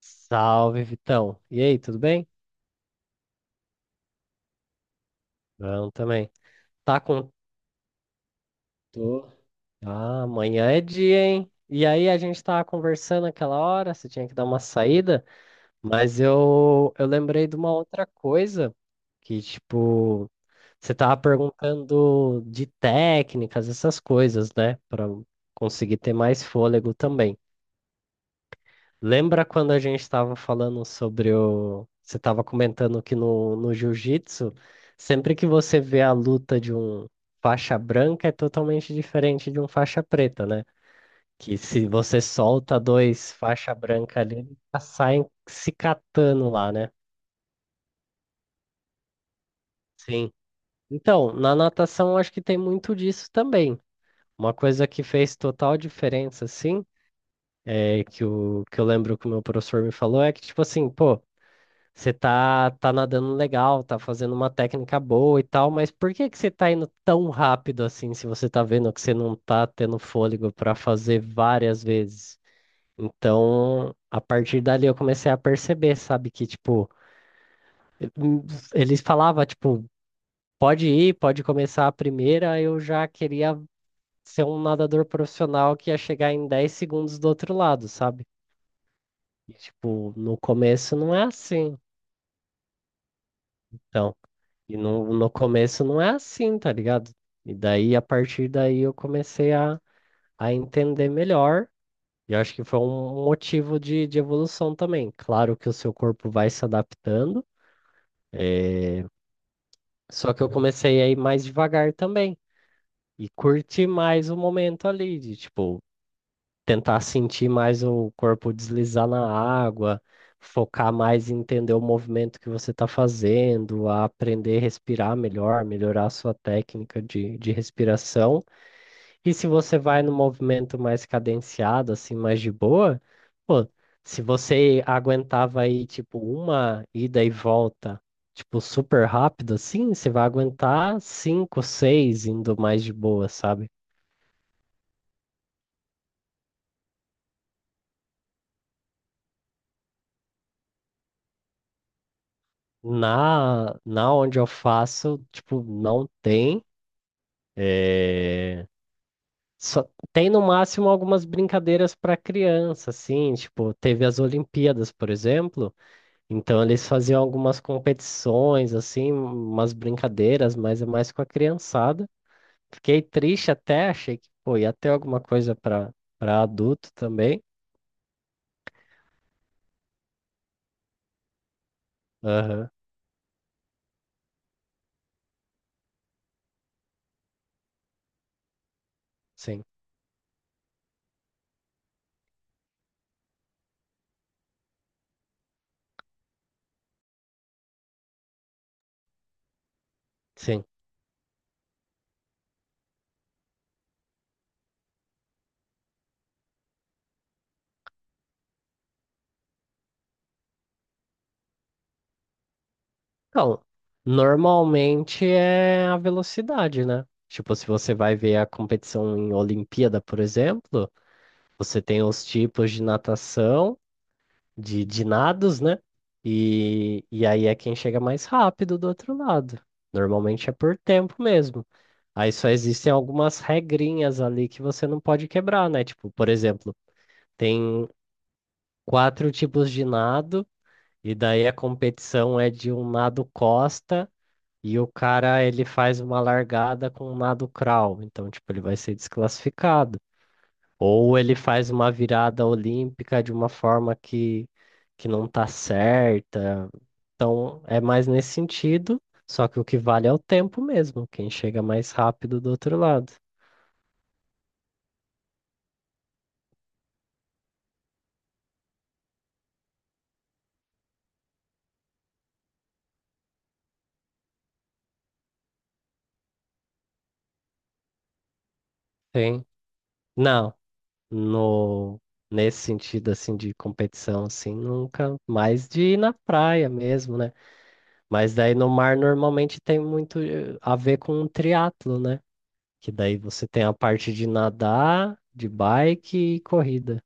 Salve, Vitão. E aí, tudo bem? Bom também. Tá com. Tô. Ah, amanhã é dia, hein? E aí, a gente tava conversando aquela hora, você tinha que dar uma saída, mas eu lembrei de uma outra coisa que, tipo, você tava perguntando de técnicas, essas coisas, né? Pra conseguir ter mais fôlego também. Lembra quando a gente estava falando sobre o. Você estava comentando que no jiu-jitsu, sempre que você vê a luta de um faixa branca é totalmente diferente de um faixa preta, né? Que se você solta dois faixa branca ali, eles já saem se catando lá, né? Sim. Então, na natação acho que tem muito disso também. Uma coisa que fez total diferença, assim, é que eu lembro que o meu professor me falou é que, tipo assim, pô. Você tá nadando legal, tá fazendo uma técnica boa e tal, mas por que que você tá indo tão rápido assim, se você tá vendo que você não tá tendo fôlego para fazer várias vezes? Então, a partir dali eu comecei a perceber, sabe, que tipo, hum, eles falavam, tipo, pode ir, pode começar a primeira, eu já queria ser um nadador profissional que ia chegar em 10 segundos do outro lado, sabe? E, tipo, no começo não é assim. Então. E no começo não é assim, tá ligado? E daí, a partir daí, eu comecei a entender melhor. E eu acho que foi um motivo de evolução também. Claro que o seu corpo vai se adaptando, só que eu comecei a ir mais devagar também. E curtir mais o momento ali, de tipo, tentar sentir mais o corpo deslizar na água, focar mais em entender o movimento que você está fazendo, a aprender a respirar melhor, melhorar a sua técnica de respiração. E se você vai no movimento mais cadenciado, assim, mais de boa, pô, se você aguentava aí, tipo, uma ida e volta, tipo, super rápido, assim, você vai aguentar cinco, seis indo mais de boa, sabe? Na onde eu faço, tipo, não tem. eh, Só tem no máximo algumas brincadeiras para criança, assim, tipo, teve as Olimpíadas, por exemplo. Então eles faziam algumas competições, assim, umas brincadeiras, mas é mais com a criançada. Fiquei triste até, achei que, pô, ia ter alguma coisa para adulto também. Aham, sim, sim. Então, normalmente é a velocidade, né? Tipo, se você vai ver a competição em Olimpíada, por exemplo, você tem os tipos de nados, né? E aí é quem chega mais rápido do outro lado. Normalmente é por tempo mesmo. Aí só existem algumas regrinhas ali que você não pode quebrar, né? Tipo, por exemplo, tem quatro tipos de nado, e daí a competição é de um nado costa, e o cara ele faz uma largada com um nado crawl. Então, tipo, ele vai ser desclassificado. Ou ele faz uma virada olímpica de uma forma que não tá certa. Então, é mais nesse sentido, só que o que vale é o tempo mesmo, quem chega mais rápido do outro lado. Sim. Não, no nesse sentido assim de competição assim, nunca mais de ir na praia mesmo, né? Mas daí no mar normalmente tem muito a ver com o triatlo, né? Que daí você tem a parte de nadar, de bike e corrida.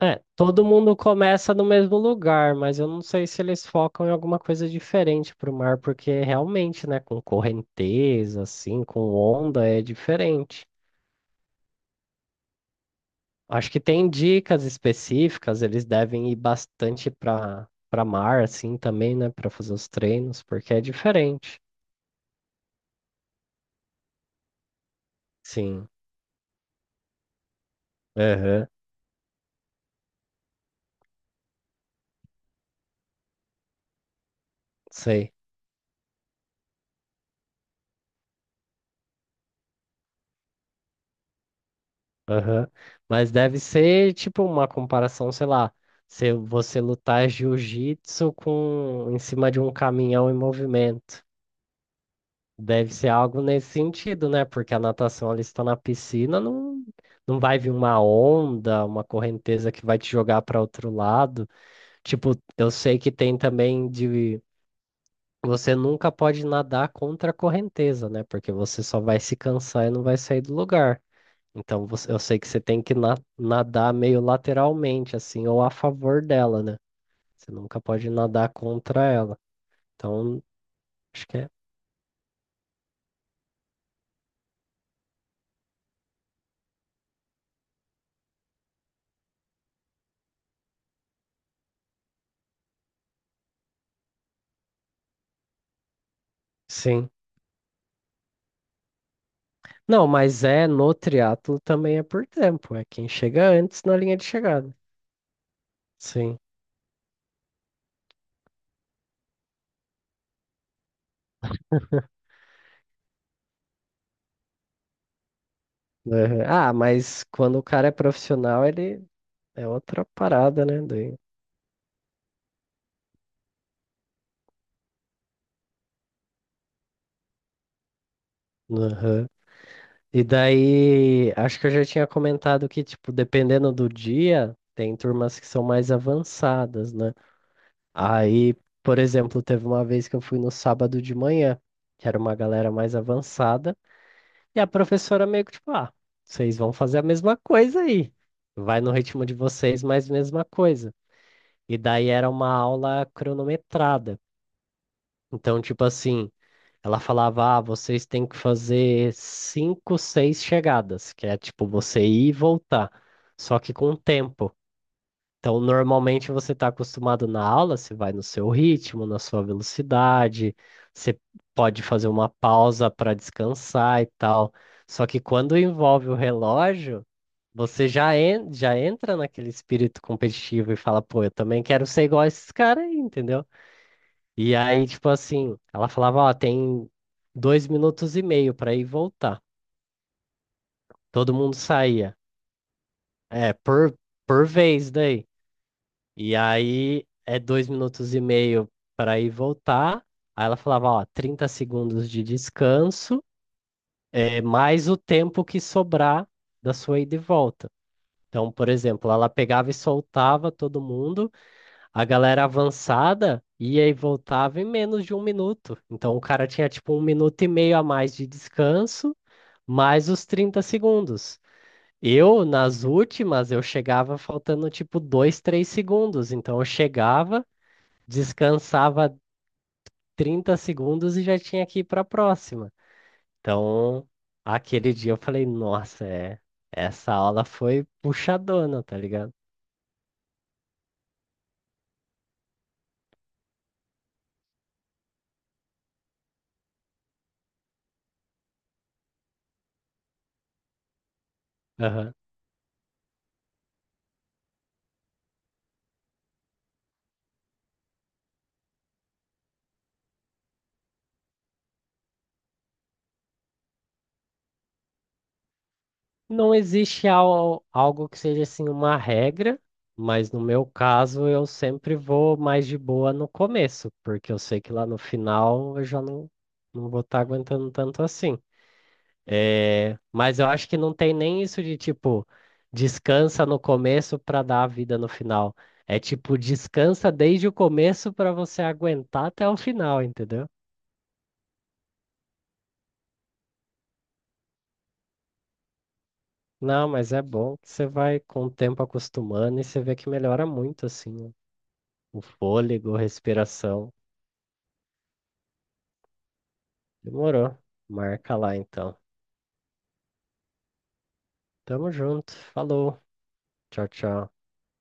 É, todo mundo começa no mesmo lugar, mas eu não sei se eles focam em alguma coisa diferente pro mar, porque realmente, né, com correnteza, assim, com onda, é diferente. Acho que tem dicas específicas, eles devem ir bastante pra mar, assim, também, né, pra fazer os treinos, porque é diferente. Sim, aham, sei. Aham. Mas deve ser tipo uma comparação, sei lá, se você lutar jiu-jitsu com em cima de um caminhão em movimento. Deve ser algo nesse sentido, né? Porque a natação ali está na piscina, não, não vai vir uma onda, uma correnteza que vai te jogar para outro lado. Tipo, eu sei que tem também de você nunca pode nadar contra a correnteza, né? Porque você só vai se cansar e não vai sair do lugar. Então eu sei que você tem que nadar meio lateralmente, assim, ou a favor dela, né? Você nunca pode nadar contra ela. Então, acho que é. Sim. Não, mas é no triatlo também é por tempo. É quem chega antes na linha de chegada. Sim. Uhum. Ah, mas quando o cara é profissional, ele é outra parada, né? Aham. E daí, acho que eu já tinha comentado que, tipo, dependendo do dia, tem turmas que são mais avançadas, né? Aí, por exemplo, teve uma vez que eu fui no sábado de manhã, que era uma galera mais avançada, e a professora meio que tipo, ah, vocês vão fazer a mesma coisa aí. Vai no ritmo de vocês, mas mesma coisa. E daí era uma aula cronometrada. Então, tipo assim, ela falava, ah, vocês têm que fazer cinco, seis chegadas, que é tipo você ir e voltar, só que com tempo. Então, normalmente você está acostumado na aula, você vai no seu ritmo, na sua velocidade, você pode fazer uma pausa para descansar e tal. Só que quando envolve o relógio, você já entra naquele espírito competitivo e fala, pô, eu também quero ser igual a esses caras aí, entendeu? E aí, tipo assim, ela falava, ó, tem 2 minutos e meio para ir e voltar. Todo mundo saía. É, por vez daí. E aí é 2 minutos e meio para ir e voltar. Aí ela falava, ó, 30 segundos de descanso, é, mais o tempo que sobrar da sua ida e volta. Então, por exemplo, ela pegava e soltava todo mundo, a galera avançada ia e voltava em menos de 1 minuto. Então, o cara tinha tipo 1 minuto e meio a mais de descanso, mais os 30 segundos. Eu, nas últimas, eu chegava faltando tipo 2, 3 segundos. Então, eu chegava descansava 30 segundos e já tinha que ir para a próxima. Então, aquele dia eu falei, nossa, é, essa aula foi puxadona, tá ligado? Aham. Não existe algo que seja assim uma regra, mas no meu caso eu sempre vou mais de boa no começo, porque eu sei que lá no final eu já não vou estar aguentando tanto assim. É, mas eu acho que não tem nem isso de tipo, descansa no começo para dar a vida no final. É tipo, descansa desde o começo para você aguentar até o final, entendeu? Não, mas é bom que você vai com o tempo acostumando e você vê que melhora muito assim, o fôlego, a respiração. Demorou. Marca lá então. Tamo junto. Falou. Tchau, tchau.